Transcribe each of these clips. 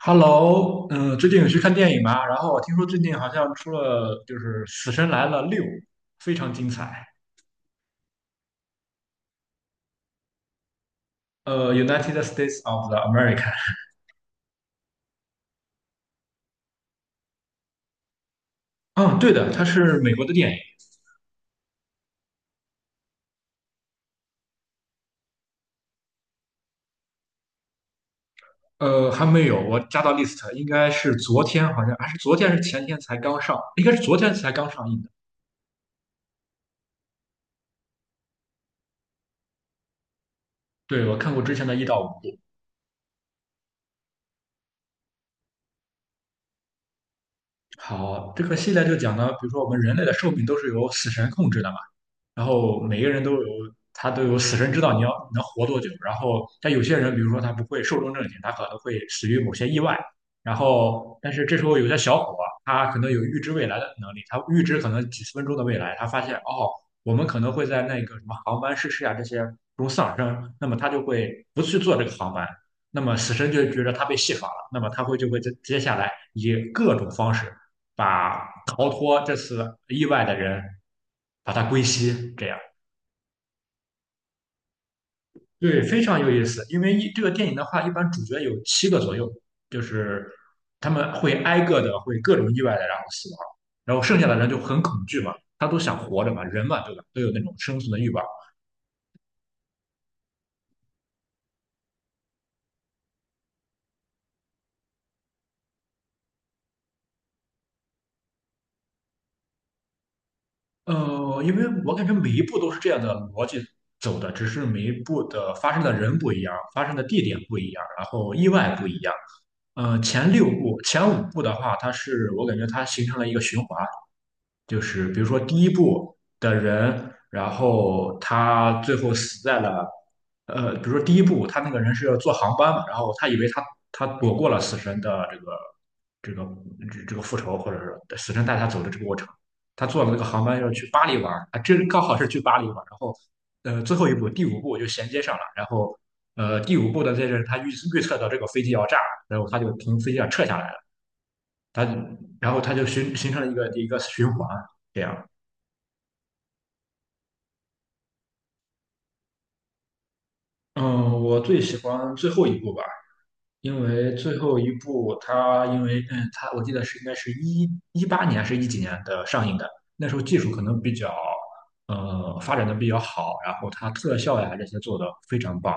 Hello，最近有去看电影吗？然后我听说最近好像出了就是《死神来了六》，非常精彩。《United States of the America》。嗯，对的，它是美国的电影。还没有，我加到 list，应该是昨天，好像还是昨天还是前天才刚上，应该是昨天才刚上映的。对，我看过之前的一到五部。好，这个系列就讲呢，比如说我们人类的寿命都是由死神控制的嘛。然后每个人都有死神知道你要能活多久。然后，但有些人，比如说他不会寿终正寝，他可能会死于某些意外。然后，但是这时候有些小伙，他可能有预知未来的能力，他预知可能几十分钟的未来，他发现哦，我们可能会在那个什么航班失事啊这些中丧生，那么他就会不去坐这个航班。那么死神就觉得他被戏耍了，那么他就会接下来以各种方式把逃脱这次意外的人。把它归西，这样对，非常有意思。因为这个电影的话，一般主角有七个左右，就是他们会挨个的会各种意外的然后死亡，然后剩下的人就很恐惧嘛，他都想活着嘛，人嘛对吧，都有那种生存的欲望。因为我感觉每一步都是这样的逻辑走的，只是每一步的发生的人不一样，发生的地点不一样，然后意外不一样。前六部、前五部的话，它是我感觉它形成了一个循环，就是比如说第一部的人，然后他最后死在了，比如说第一部他那个人是要坐航班嘛，然后他以为他躲过了死神的这个这个复仇，或者是死神带他走的这个过程，他坐了那个航班要去巴黎玩，啊，这刚好是去巴黎玩，然后最后一步第五步就衔接上了，然后第五部的这阵他预测到这个飞机要炸，然后他就从飞机上撤下来了，他然后他就形成了一个循环。这样，嗯，我最喜欢最后一部吧，因为最后一部它因为它我记得是应该是一八年还是一几年的上映的，那时候技术可能比较发展的比较好，然后它特效呀这些做的非常棒。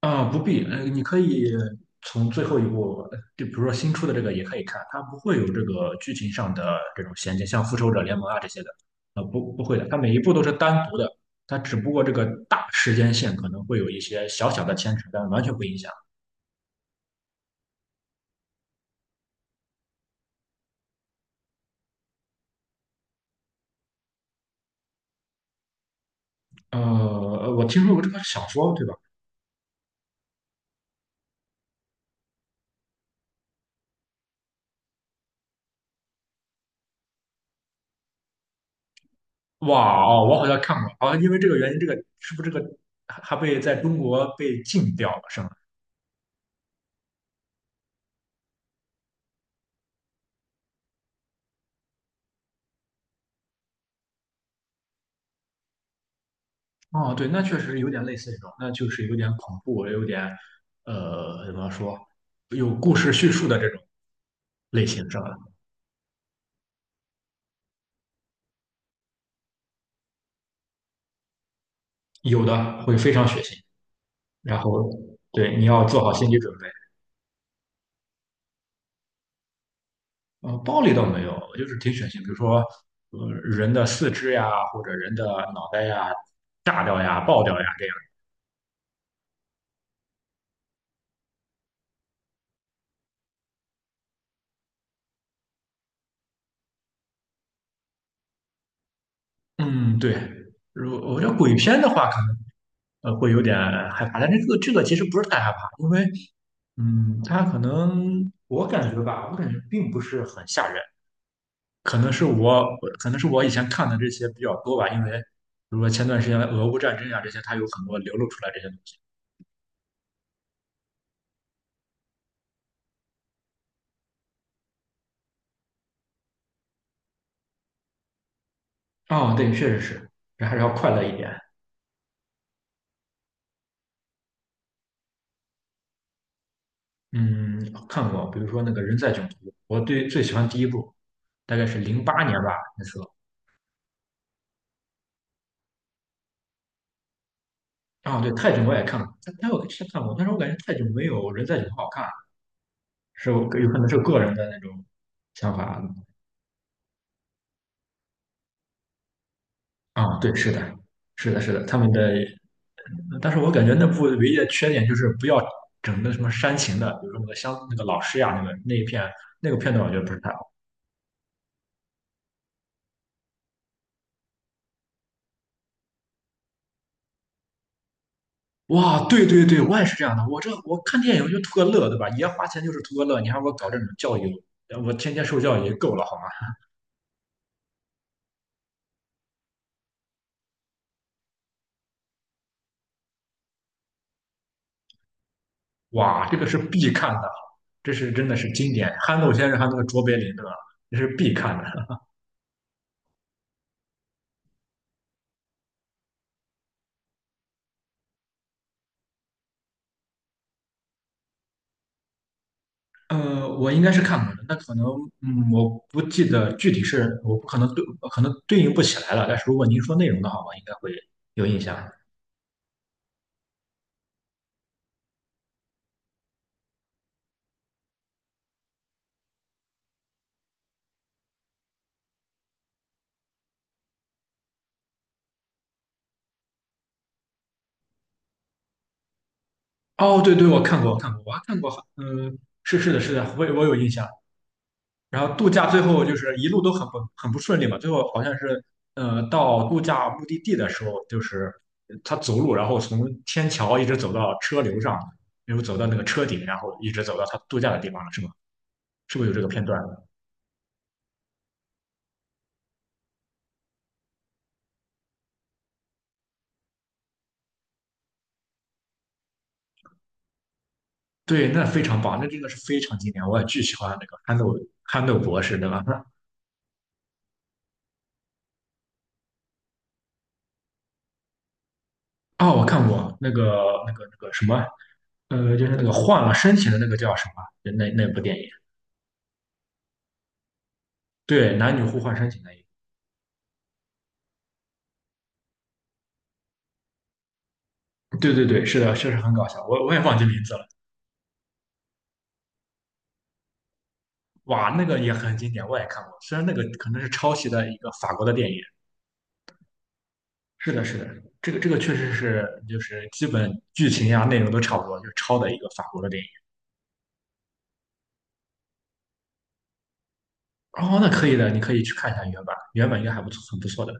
啊，不必，你可以从最后一部，就比如说新出的这个也可以看，它不会有这个剧情上的这种衔接，像《复仇者联盟》啊这些的，不会的，它每一步都是单独的，它只不过这个大时间线可能会有一些小小的牵扯，但完全不影响。我听说过这个小说，对吧？哇哦，我好像看过，啊，因为这个原因，这个是不是这个还被在中国被禁掉了，是吗？哦，对，那确实有点类似这种，那就是有点恐怖，有点怎么说，有故事叙述的这种类型，是吧？有的会非常血腥，然后对你要做好心理准备。暴力倒没有，就是挺血腥，比如说人的四肢呀，或者人的脑袋呀，炸掉呀、爆掉呀这样。嗯，对。如我觉得鬼片的话，可能。会有点害怕。但这个其实不是太害怕，因为嗯，它可能我感觉吧，我感觉并不是很吓人，可能是我以前看的这些比较多吧，因为比如说前段时间的俄乌战争呀、这些，它有很多流露出来这些东西。哦，对，确实是，人还是要快乐一点。嗯，看过，比如说那个《人在囧途》，我对最喜欢第一部，大概是08年吧，那时候。哦，对，《泰囧》我也看过，但我之前看过，但是我感觉《泰囧》没有《人在囧途》好看。是我有可能是个人的那种想法啊，对，是的，是的，是的，他们的，但是我感觉那部唯一的缺点就是不要整的什么煽情的，比如说那个乡那个老师呀，那个那一片那个片段，我觉得不是太好。哇，对对对，我也是这样的，我看电影我就图个乐，对吧？爷花钱就是图个乐，你还给我搞这种教育，我天天受教育也够了好吗？哇，这个是必看的，这是真的是经典，憨豆先生还有那个卓别林，对吧？这是必看的。我应该是看过的，那可能，嗯，我不记得具体是，我不可能对，可能对应不起来了。但是如果您说内容的话，我应该会有印象。哦，对对，我看过，我看过，我还看过，嗯，是是的，是的，我有印象。然后度假最后就是一路都很不顺利嘛，最后好像是，到度假目的地的时候，就是他走路，然后从天桥一直走到车流上，然后走到那个车顶，然后一直走到他度假的地方了，是吗？是不是有这个片段？对，那非常棒，那真的是非常经典，我也巨喜欢那个憨豆博士，对吧？那啊，我看过那个什么，就是那个换了身体的那个叫什么？那部电影，对，男女互换身体那一部，对对对，是的，确实很搞笑，我也忘记名字了，哇，那个也很经典，我也看过，虽然那个可能是抄袭的一个法国的电影，是的，是的，这个确实是就是基本剧情呀、内容都差不多，就是抄的一个法国的电影。哦，那可以的，你可以去看一下原版，原版应该还不错，很不错的。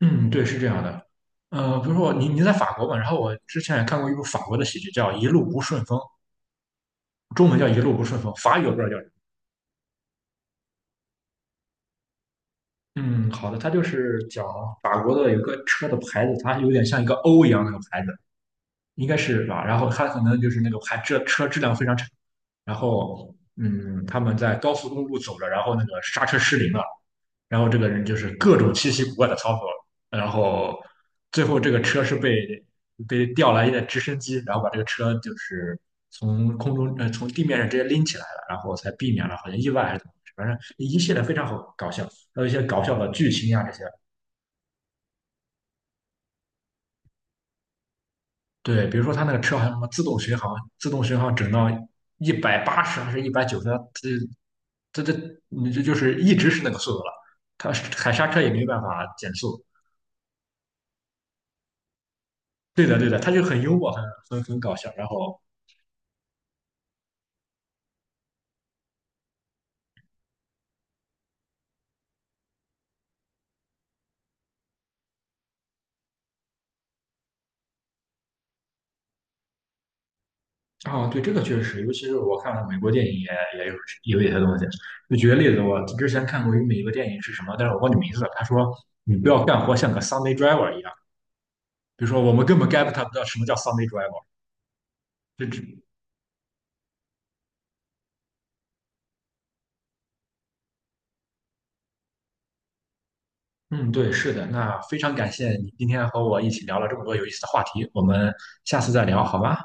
嗯，对，是这样的。比如说你在法国嘛，然后我之前也看过一部法国的喜剧叫《一路不顺风》，中文叫《一路不顺风》，法语我不知道叫什么。嗯，好的，它就是讲法国的有个车的牌子，它有点像一个 O 一样那个牌子，应该是吧？然后它可能就是那个牌这车质量非常差，然后嗯，他们在高速公路走着，然后那个刹车失灵了，然后这个人就是各种稀奇古怪的操作，然后最后这个车是被调来一的直升机，然后把这个车就是从空中从地面上直接拎起来了，然后才避免了好像意外还是怎么回事，反正一系列非常好搞笑，还有一些搞笑的剧情呀这些。对，比如说他那个车还有什么自动巡航，自动巡航整到180还是190，这这这你这就是一直是那个速度了，他踩刹车也没办法减速。对的，对的，他就很幽默，很搞笑。然后啊，对，这个确实尤其是我看了美国电影也有一些东西。就举个例子，我之前看过一个美国电影是什么，但是我忘记名字了。他说你不要干活像个 Sunday driver 一样，比如说我们根本 get 他不到什么叫 Sunday driver。这只嗯，对，是的。那非常感谢你今天和我一起聊了这么多有意思的话题，我们下次再聊好吗？